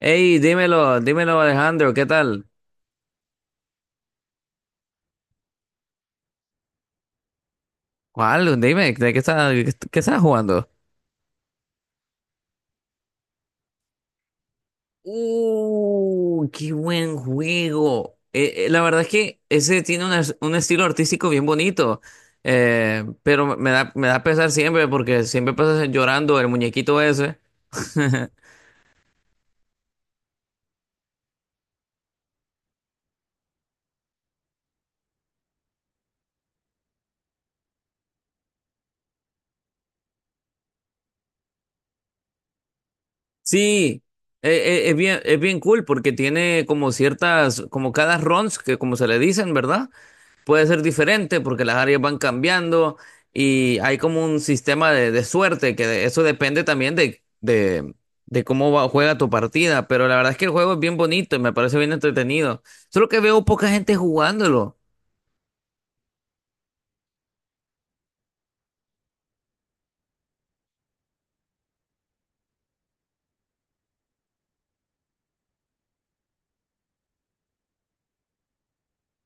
Hey, dímelo, dímelo Alejandro, ¿qué tal? ¿Cuál? Dime, ¿qué estás jugando? Qué buen juego. La verdad es que ese tiene un estilo artístico bien bonito. Pero me da pesar siempre porque siempre pasas llorando el muñequito ese. Sí, eh, es bien cool porque tiene como ciertas, como cada runs que como se le dicen, ¿verdad? Puede ser diferente porque las áreas van cambiando y hay como un sistema de suerte que eso depende también de cómo juega tu partida. Pero la verdad es que el juego es bien bonito y me parece bien entretenido. Solo que veo poca gente jugándolo.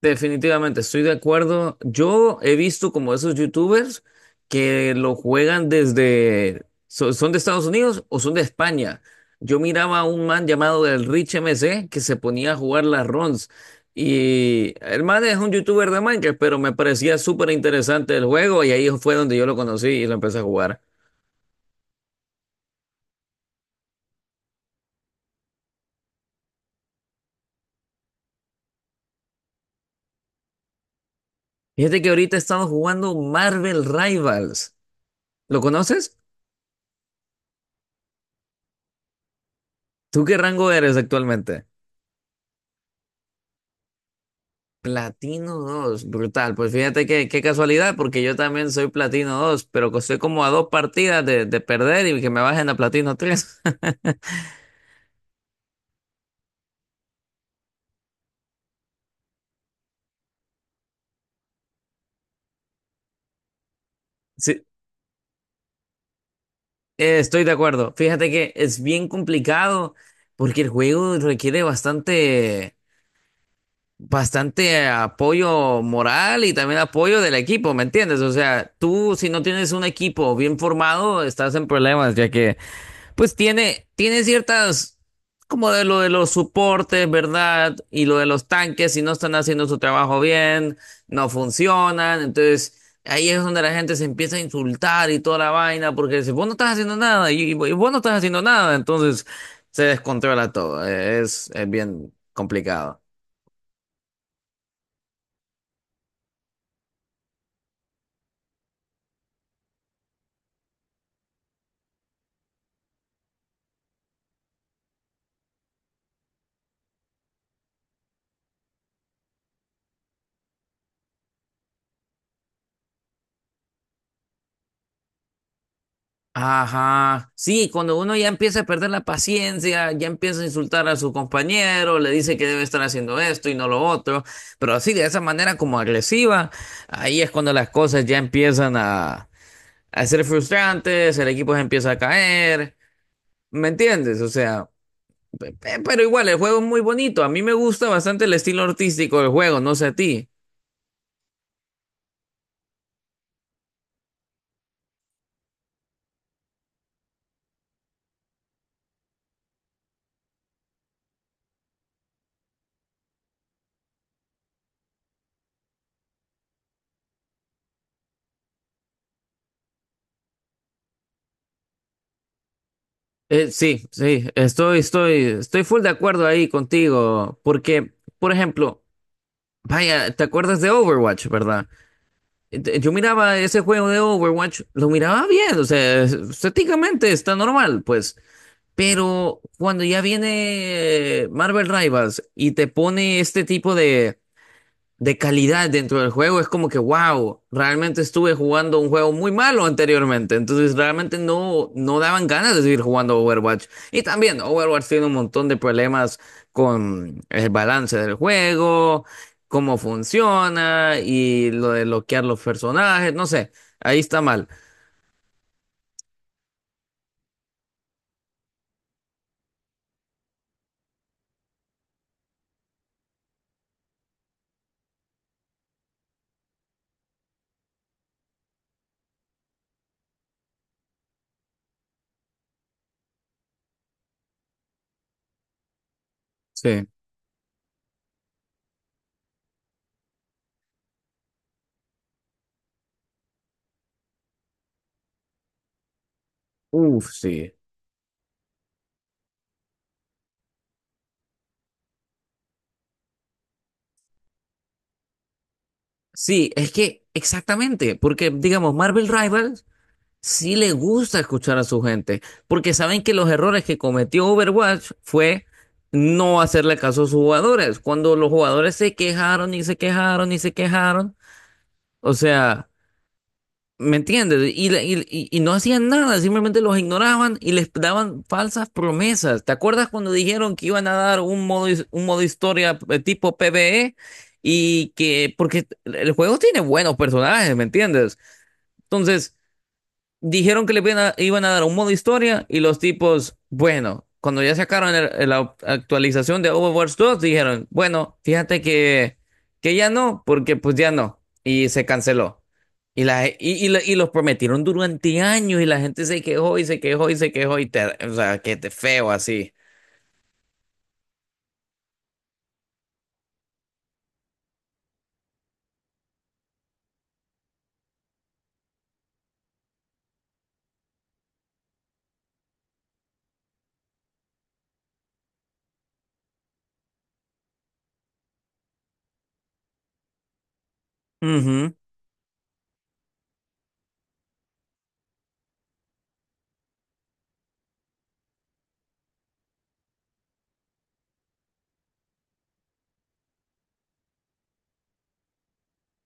Definitivamente, estoy de acuerdo. Yo he visto como esos youtubers que lo juegan desde... ¿Son de Estados Unidos o son de España? Yo miraba a un man llamado el Rich MC que se ponía a jugar las runs. Y el man es un youtuber de Minecraft, pero me parecía súper interesante el juego y ahí fue donde yo lo conocí y lo empecé a jugar. Fíjate que ahorita he estado jugando Marvel Rivals. ¿Lo conoces? ¿Tú qué rango eres actualmente? Platino 2, brutal. Pues fíjate que, qué casualidad, porque yo también soy Platino 2, pero que estoy como a dos partidas de perder y que me bajen a Platino tres. Sí, estoy de acuerdo. Fíjate que es bien complicado porque el juego requiere bastante apoyo moral y también apoyo del equipo, ¿me entiendes? O sea, tú si no tienes un equipo bien formado, estás en problemas, ya que pues tiene ciertas, como de lo de los soportes, ¿verdad? Y lo de los tanques, si no están haciendo su trabajo bien, no funcionan. Entonces, ahí es donde la gente se empieza a insultar y toda la vaina, porque dice, vos no estás haciendo nada, y vos no estás haciendo nada. Entonces, se descontrola todo. Es bien complicado. Ajá, sí, cuando uno ya empieza a perder la paciencia, ya empieza a insultar a su compañero, le dice que debe estar haciendo esto y no lo otro, pero así de esa manera como agresiva, ahí es cuando las cosas ya empiezan a ser frustrantes, el equipo se empieza a caer, ¿me entiendes? O sea, pero igual el juego es muy bonito, a mí me gusta bastante el estilo artístico del juego, no sé a ti. Sí, sí, estoy full de acuerdo ahí contigo, porque, por ejemplo, vaya, ¿te acuerdas de Overwatch, verdad? Yo miraba ese juego de Overwatch, lo miraba bien, o sea, estéticamente está normal, pues. Pero cuando ya viene Marvel Rivals y te pone este tipo de calidad dentro del juego, es como que, wow, realmente estuve jugando un juego muy malo anteriormente, entonces realmente no, no daban ganas de seguir jugando Overwatch. Y también Overwatch tiene un montón de problemas con el balance del juego, cómo funciona y lo de bloquear los personajes, no sé, ahí está mal. Sí. Uf, sí. Sí, es que exactamente, porque digamos, Marvel Rivals sí le gusta escuchar a su gente, porque saben que los errores que cometió Overwatch fue no hacerle caso a sus jugadores. Cuando los jugadores se quejaron y se quejaron y se quejaron, o sea, ¿me entiendes? Y no hacían nada, simplemente los ignoraban y les daban falsas promesas. ¿Te acuerdas cuando dijeron que iban a dar un modo, un modo historia tipo PvE? Y que, porque el juego tiene buenos personajes, ¿me entiendes? Entonces, dijeron que le iban iban a dar un modo historia y los tipos, bueno, cuando ya sacaron la actualización de Overwatch 2, dijeron, bueno, fíjate que ya no, porque pues ya no, y se canceló. Y los prometieron durante años y la gente se quejó y se quejó y se quejó y te, o sea, que te feo así. Ujú.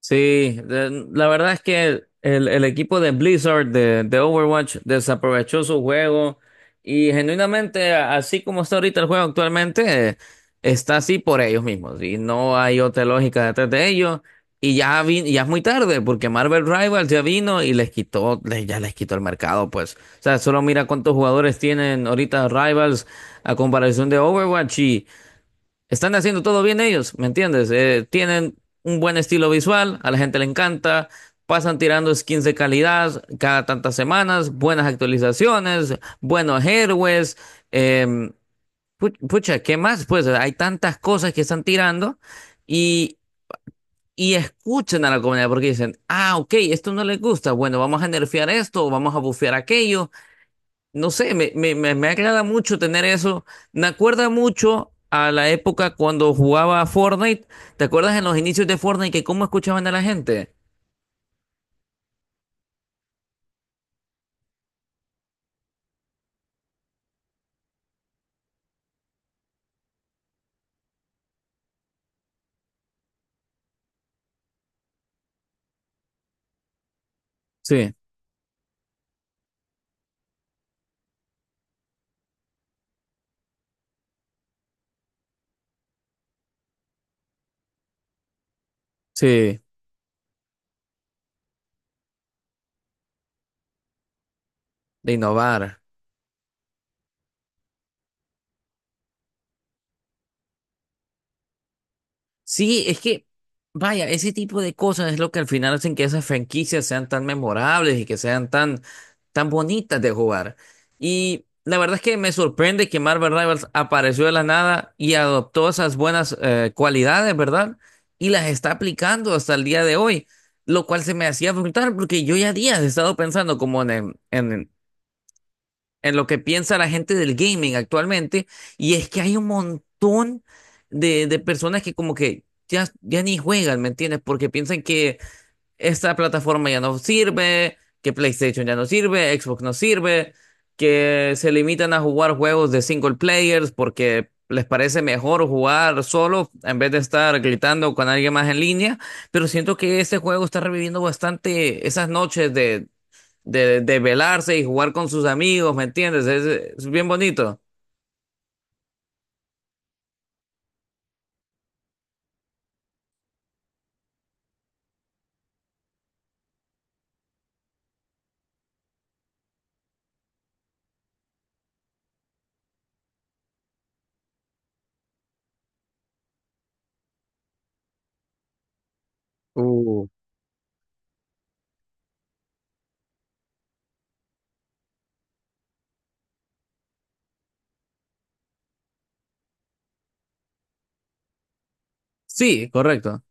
Sí, la verdad es que el equipo de Blizzard de Overwatch desaprovechó su juego y genuinamente, así como está ahorita el juego actualmente, está así por ellos mismos y no hay otra lógica detrás de ellos. Y ya, ya es muy tarde porque Marvel Rivals ya vino y les quitó, ya les quitó el mercado, pues. O sea, solo mira cuántos jugadores tienen ahorita Rivals a comparación de Overwatch, están haciendo todo bien ellos, ¿me entiendes? Tienen un buen estilo visual, a la gente le encanta, pasan tirando skins de calidad cada tantas semanas, buenas actualizaciones, buenos héroes, em, pucha, ¿qué más? Pues hay tantas cosas que están tirando y, y escuchan a la comunidad porque dicen, ah, ok, esto no les gusta, bueno, vamos a nerfear esto, o vamos a bufear aquello, no sé, me agrada mucho tener eso. Me acuerda mucho a la época cuando jugaba a Fortnite. ¿Te acuerdas en los inicios de Fortnite que cómo escuchaban a la gente? Sí, sí, de innovar. Sí, es que, vaya, ese tipo de cosas es lo que al final hacen que esas franquicias sean tan memorables y que sean tan, tan bonitas de jugar. Y la verdad es que me sorprende que Marvel Rivals apareció de la nada y adoptó esas buenas cualidades, ¿verdad? Y las está aplicando hasta el día de hoy, lo cual se me hacía brutal porque yo ya días he estado pensando como en lo que piensa la gente del gaming actualmente, y es que hay un montón de personas que como que ya, ya ni juegan, ¿me entiendes? Porque piensan que esta plataforma ya no sirve, que PlayStation ya no sirve, Xbox no sirve, que se limitan a jugar juegos de single players porque les parece mejor jugar solo en vez de estar gritando con alguien más en línea, pero siento que este juego está reviviendo bastante esas noches de velarse y jugar con sus amigos, ¿me entiendes? Es bien bonito. Uh, Sí, correcto.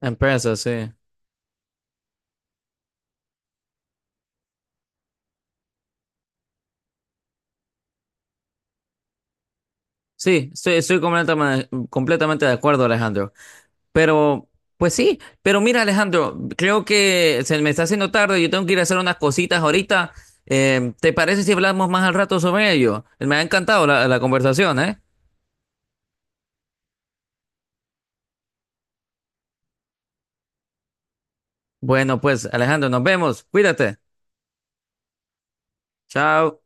Empresa, sí. Sí, estoy completamente, completamente de acuerdo, Alejandro. Pero, pues sí, pero mira, Alejandro, creo que se me está haciendo tarde, yo tengo que ir a hacer unas cositas ahorita. ¿Te parece si hablamos más al rato sobre ello? Me ha encantado la conversación, ¿eh? Bueno, pues, Alejandro, nos vemos. Cuídate. Chao.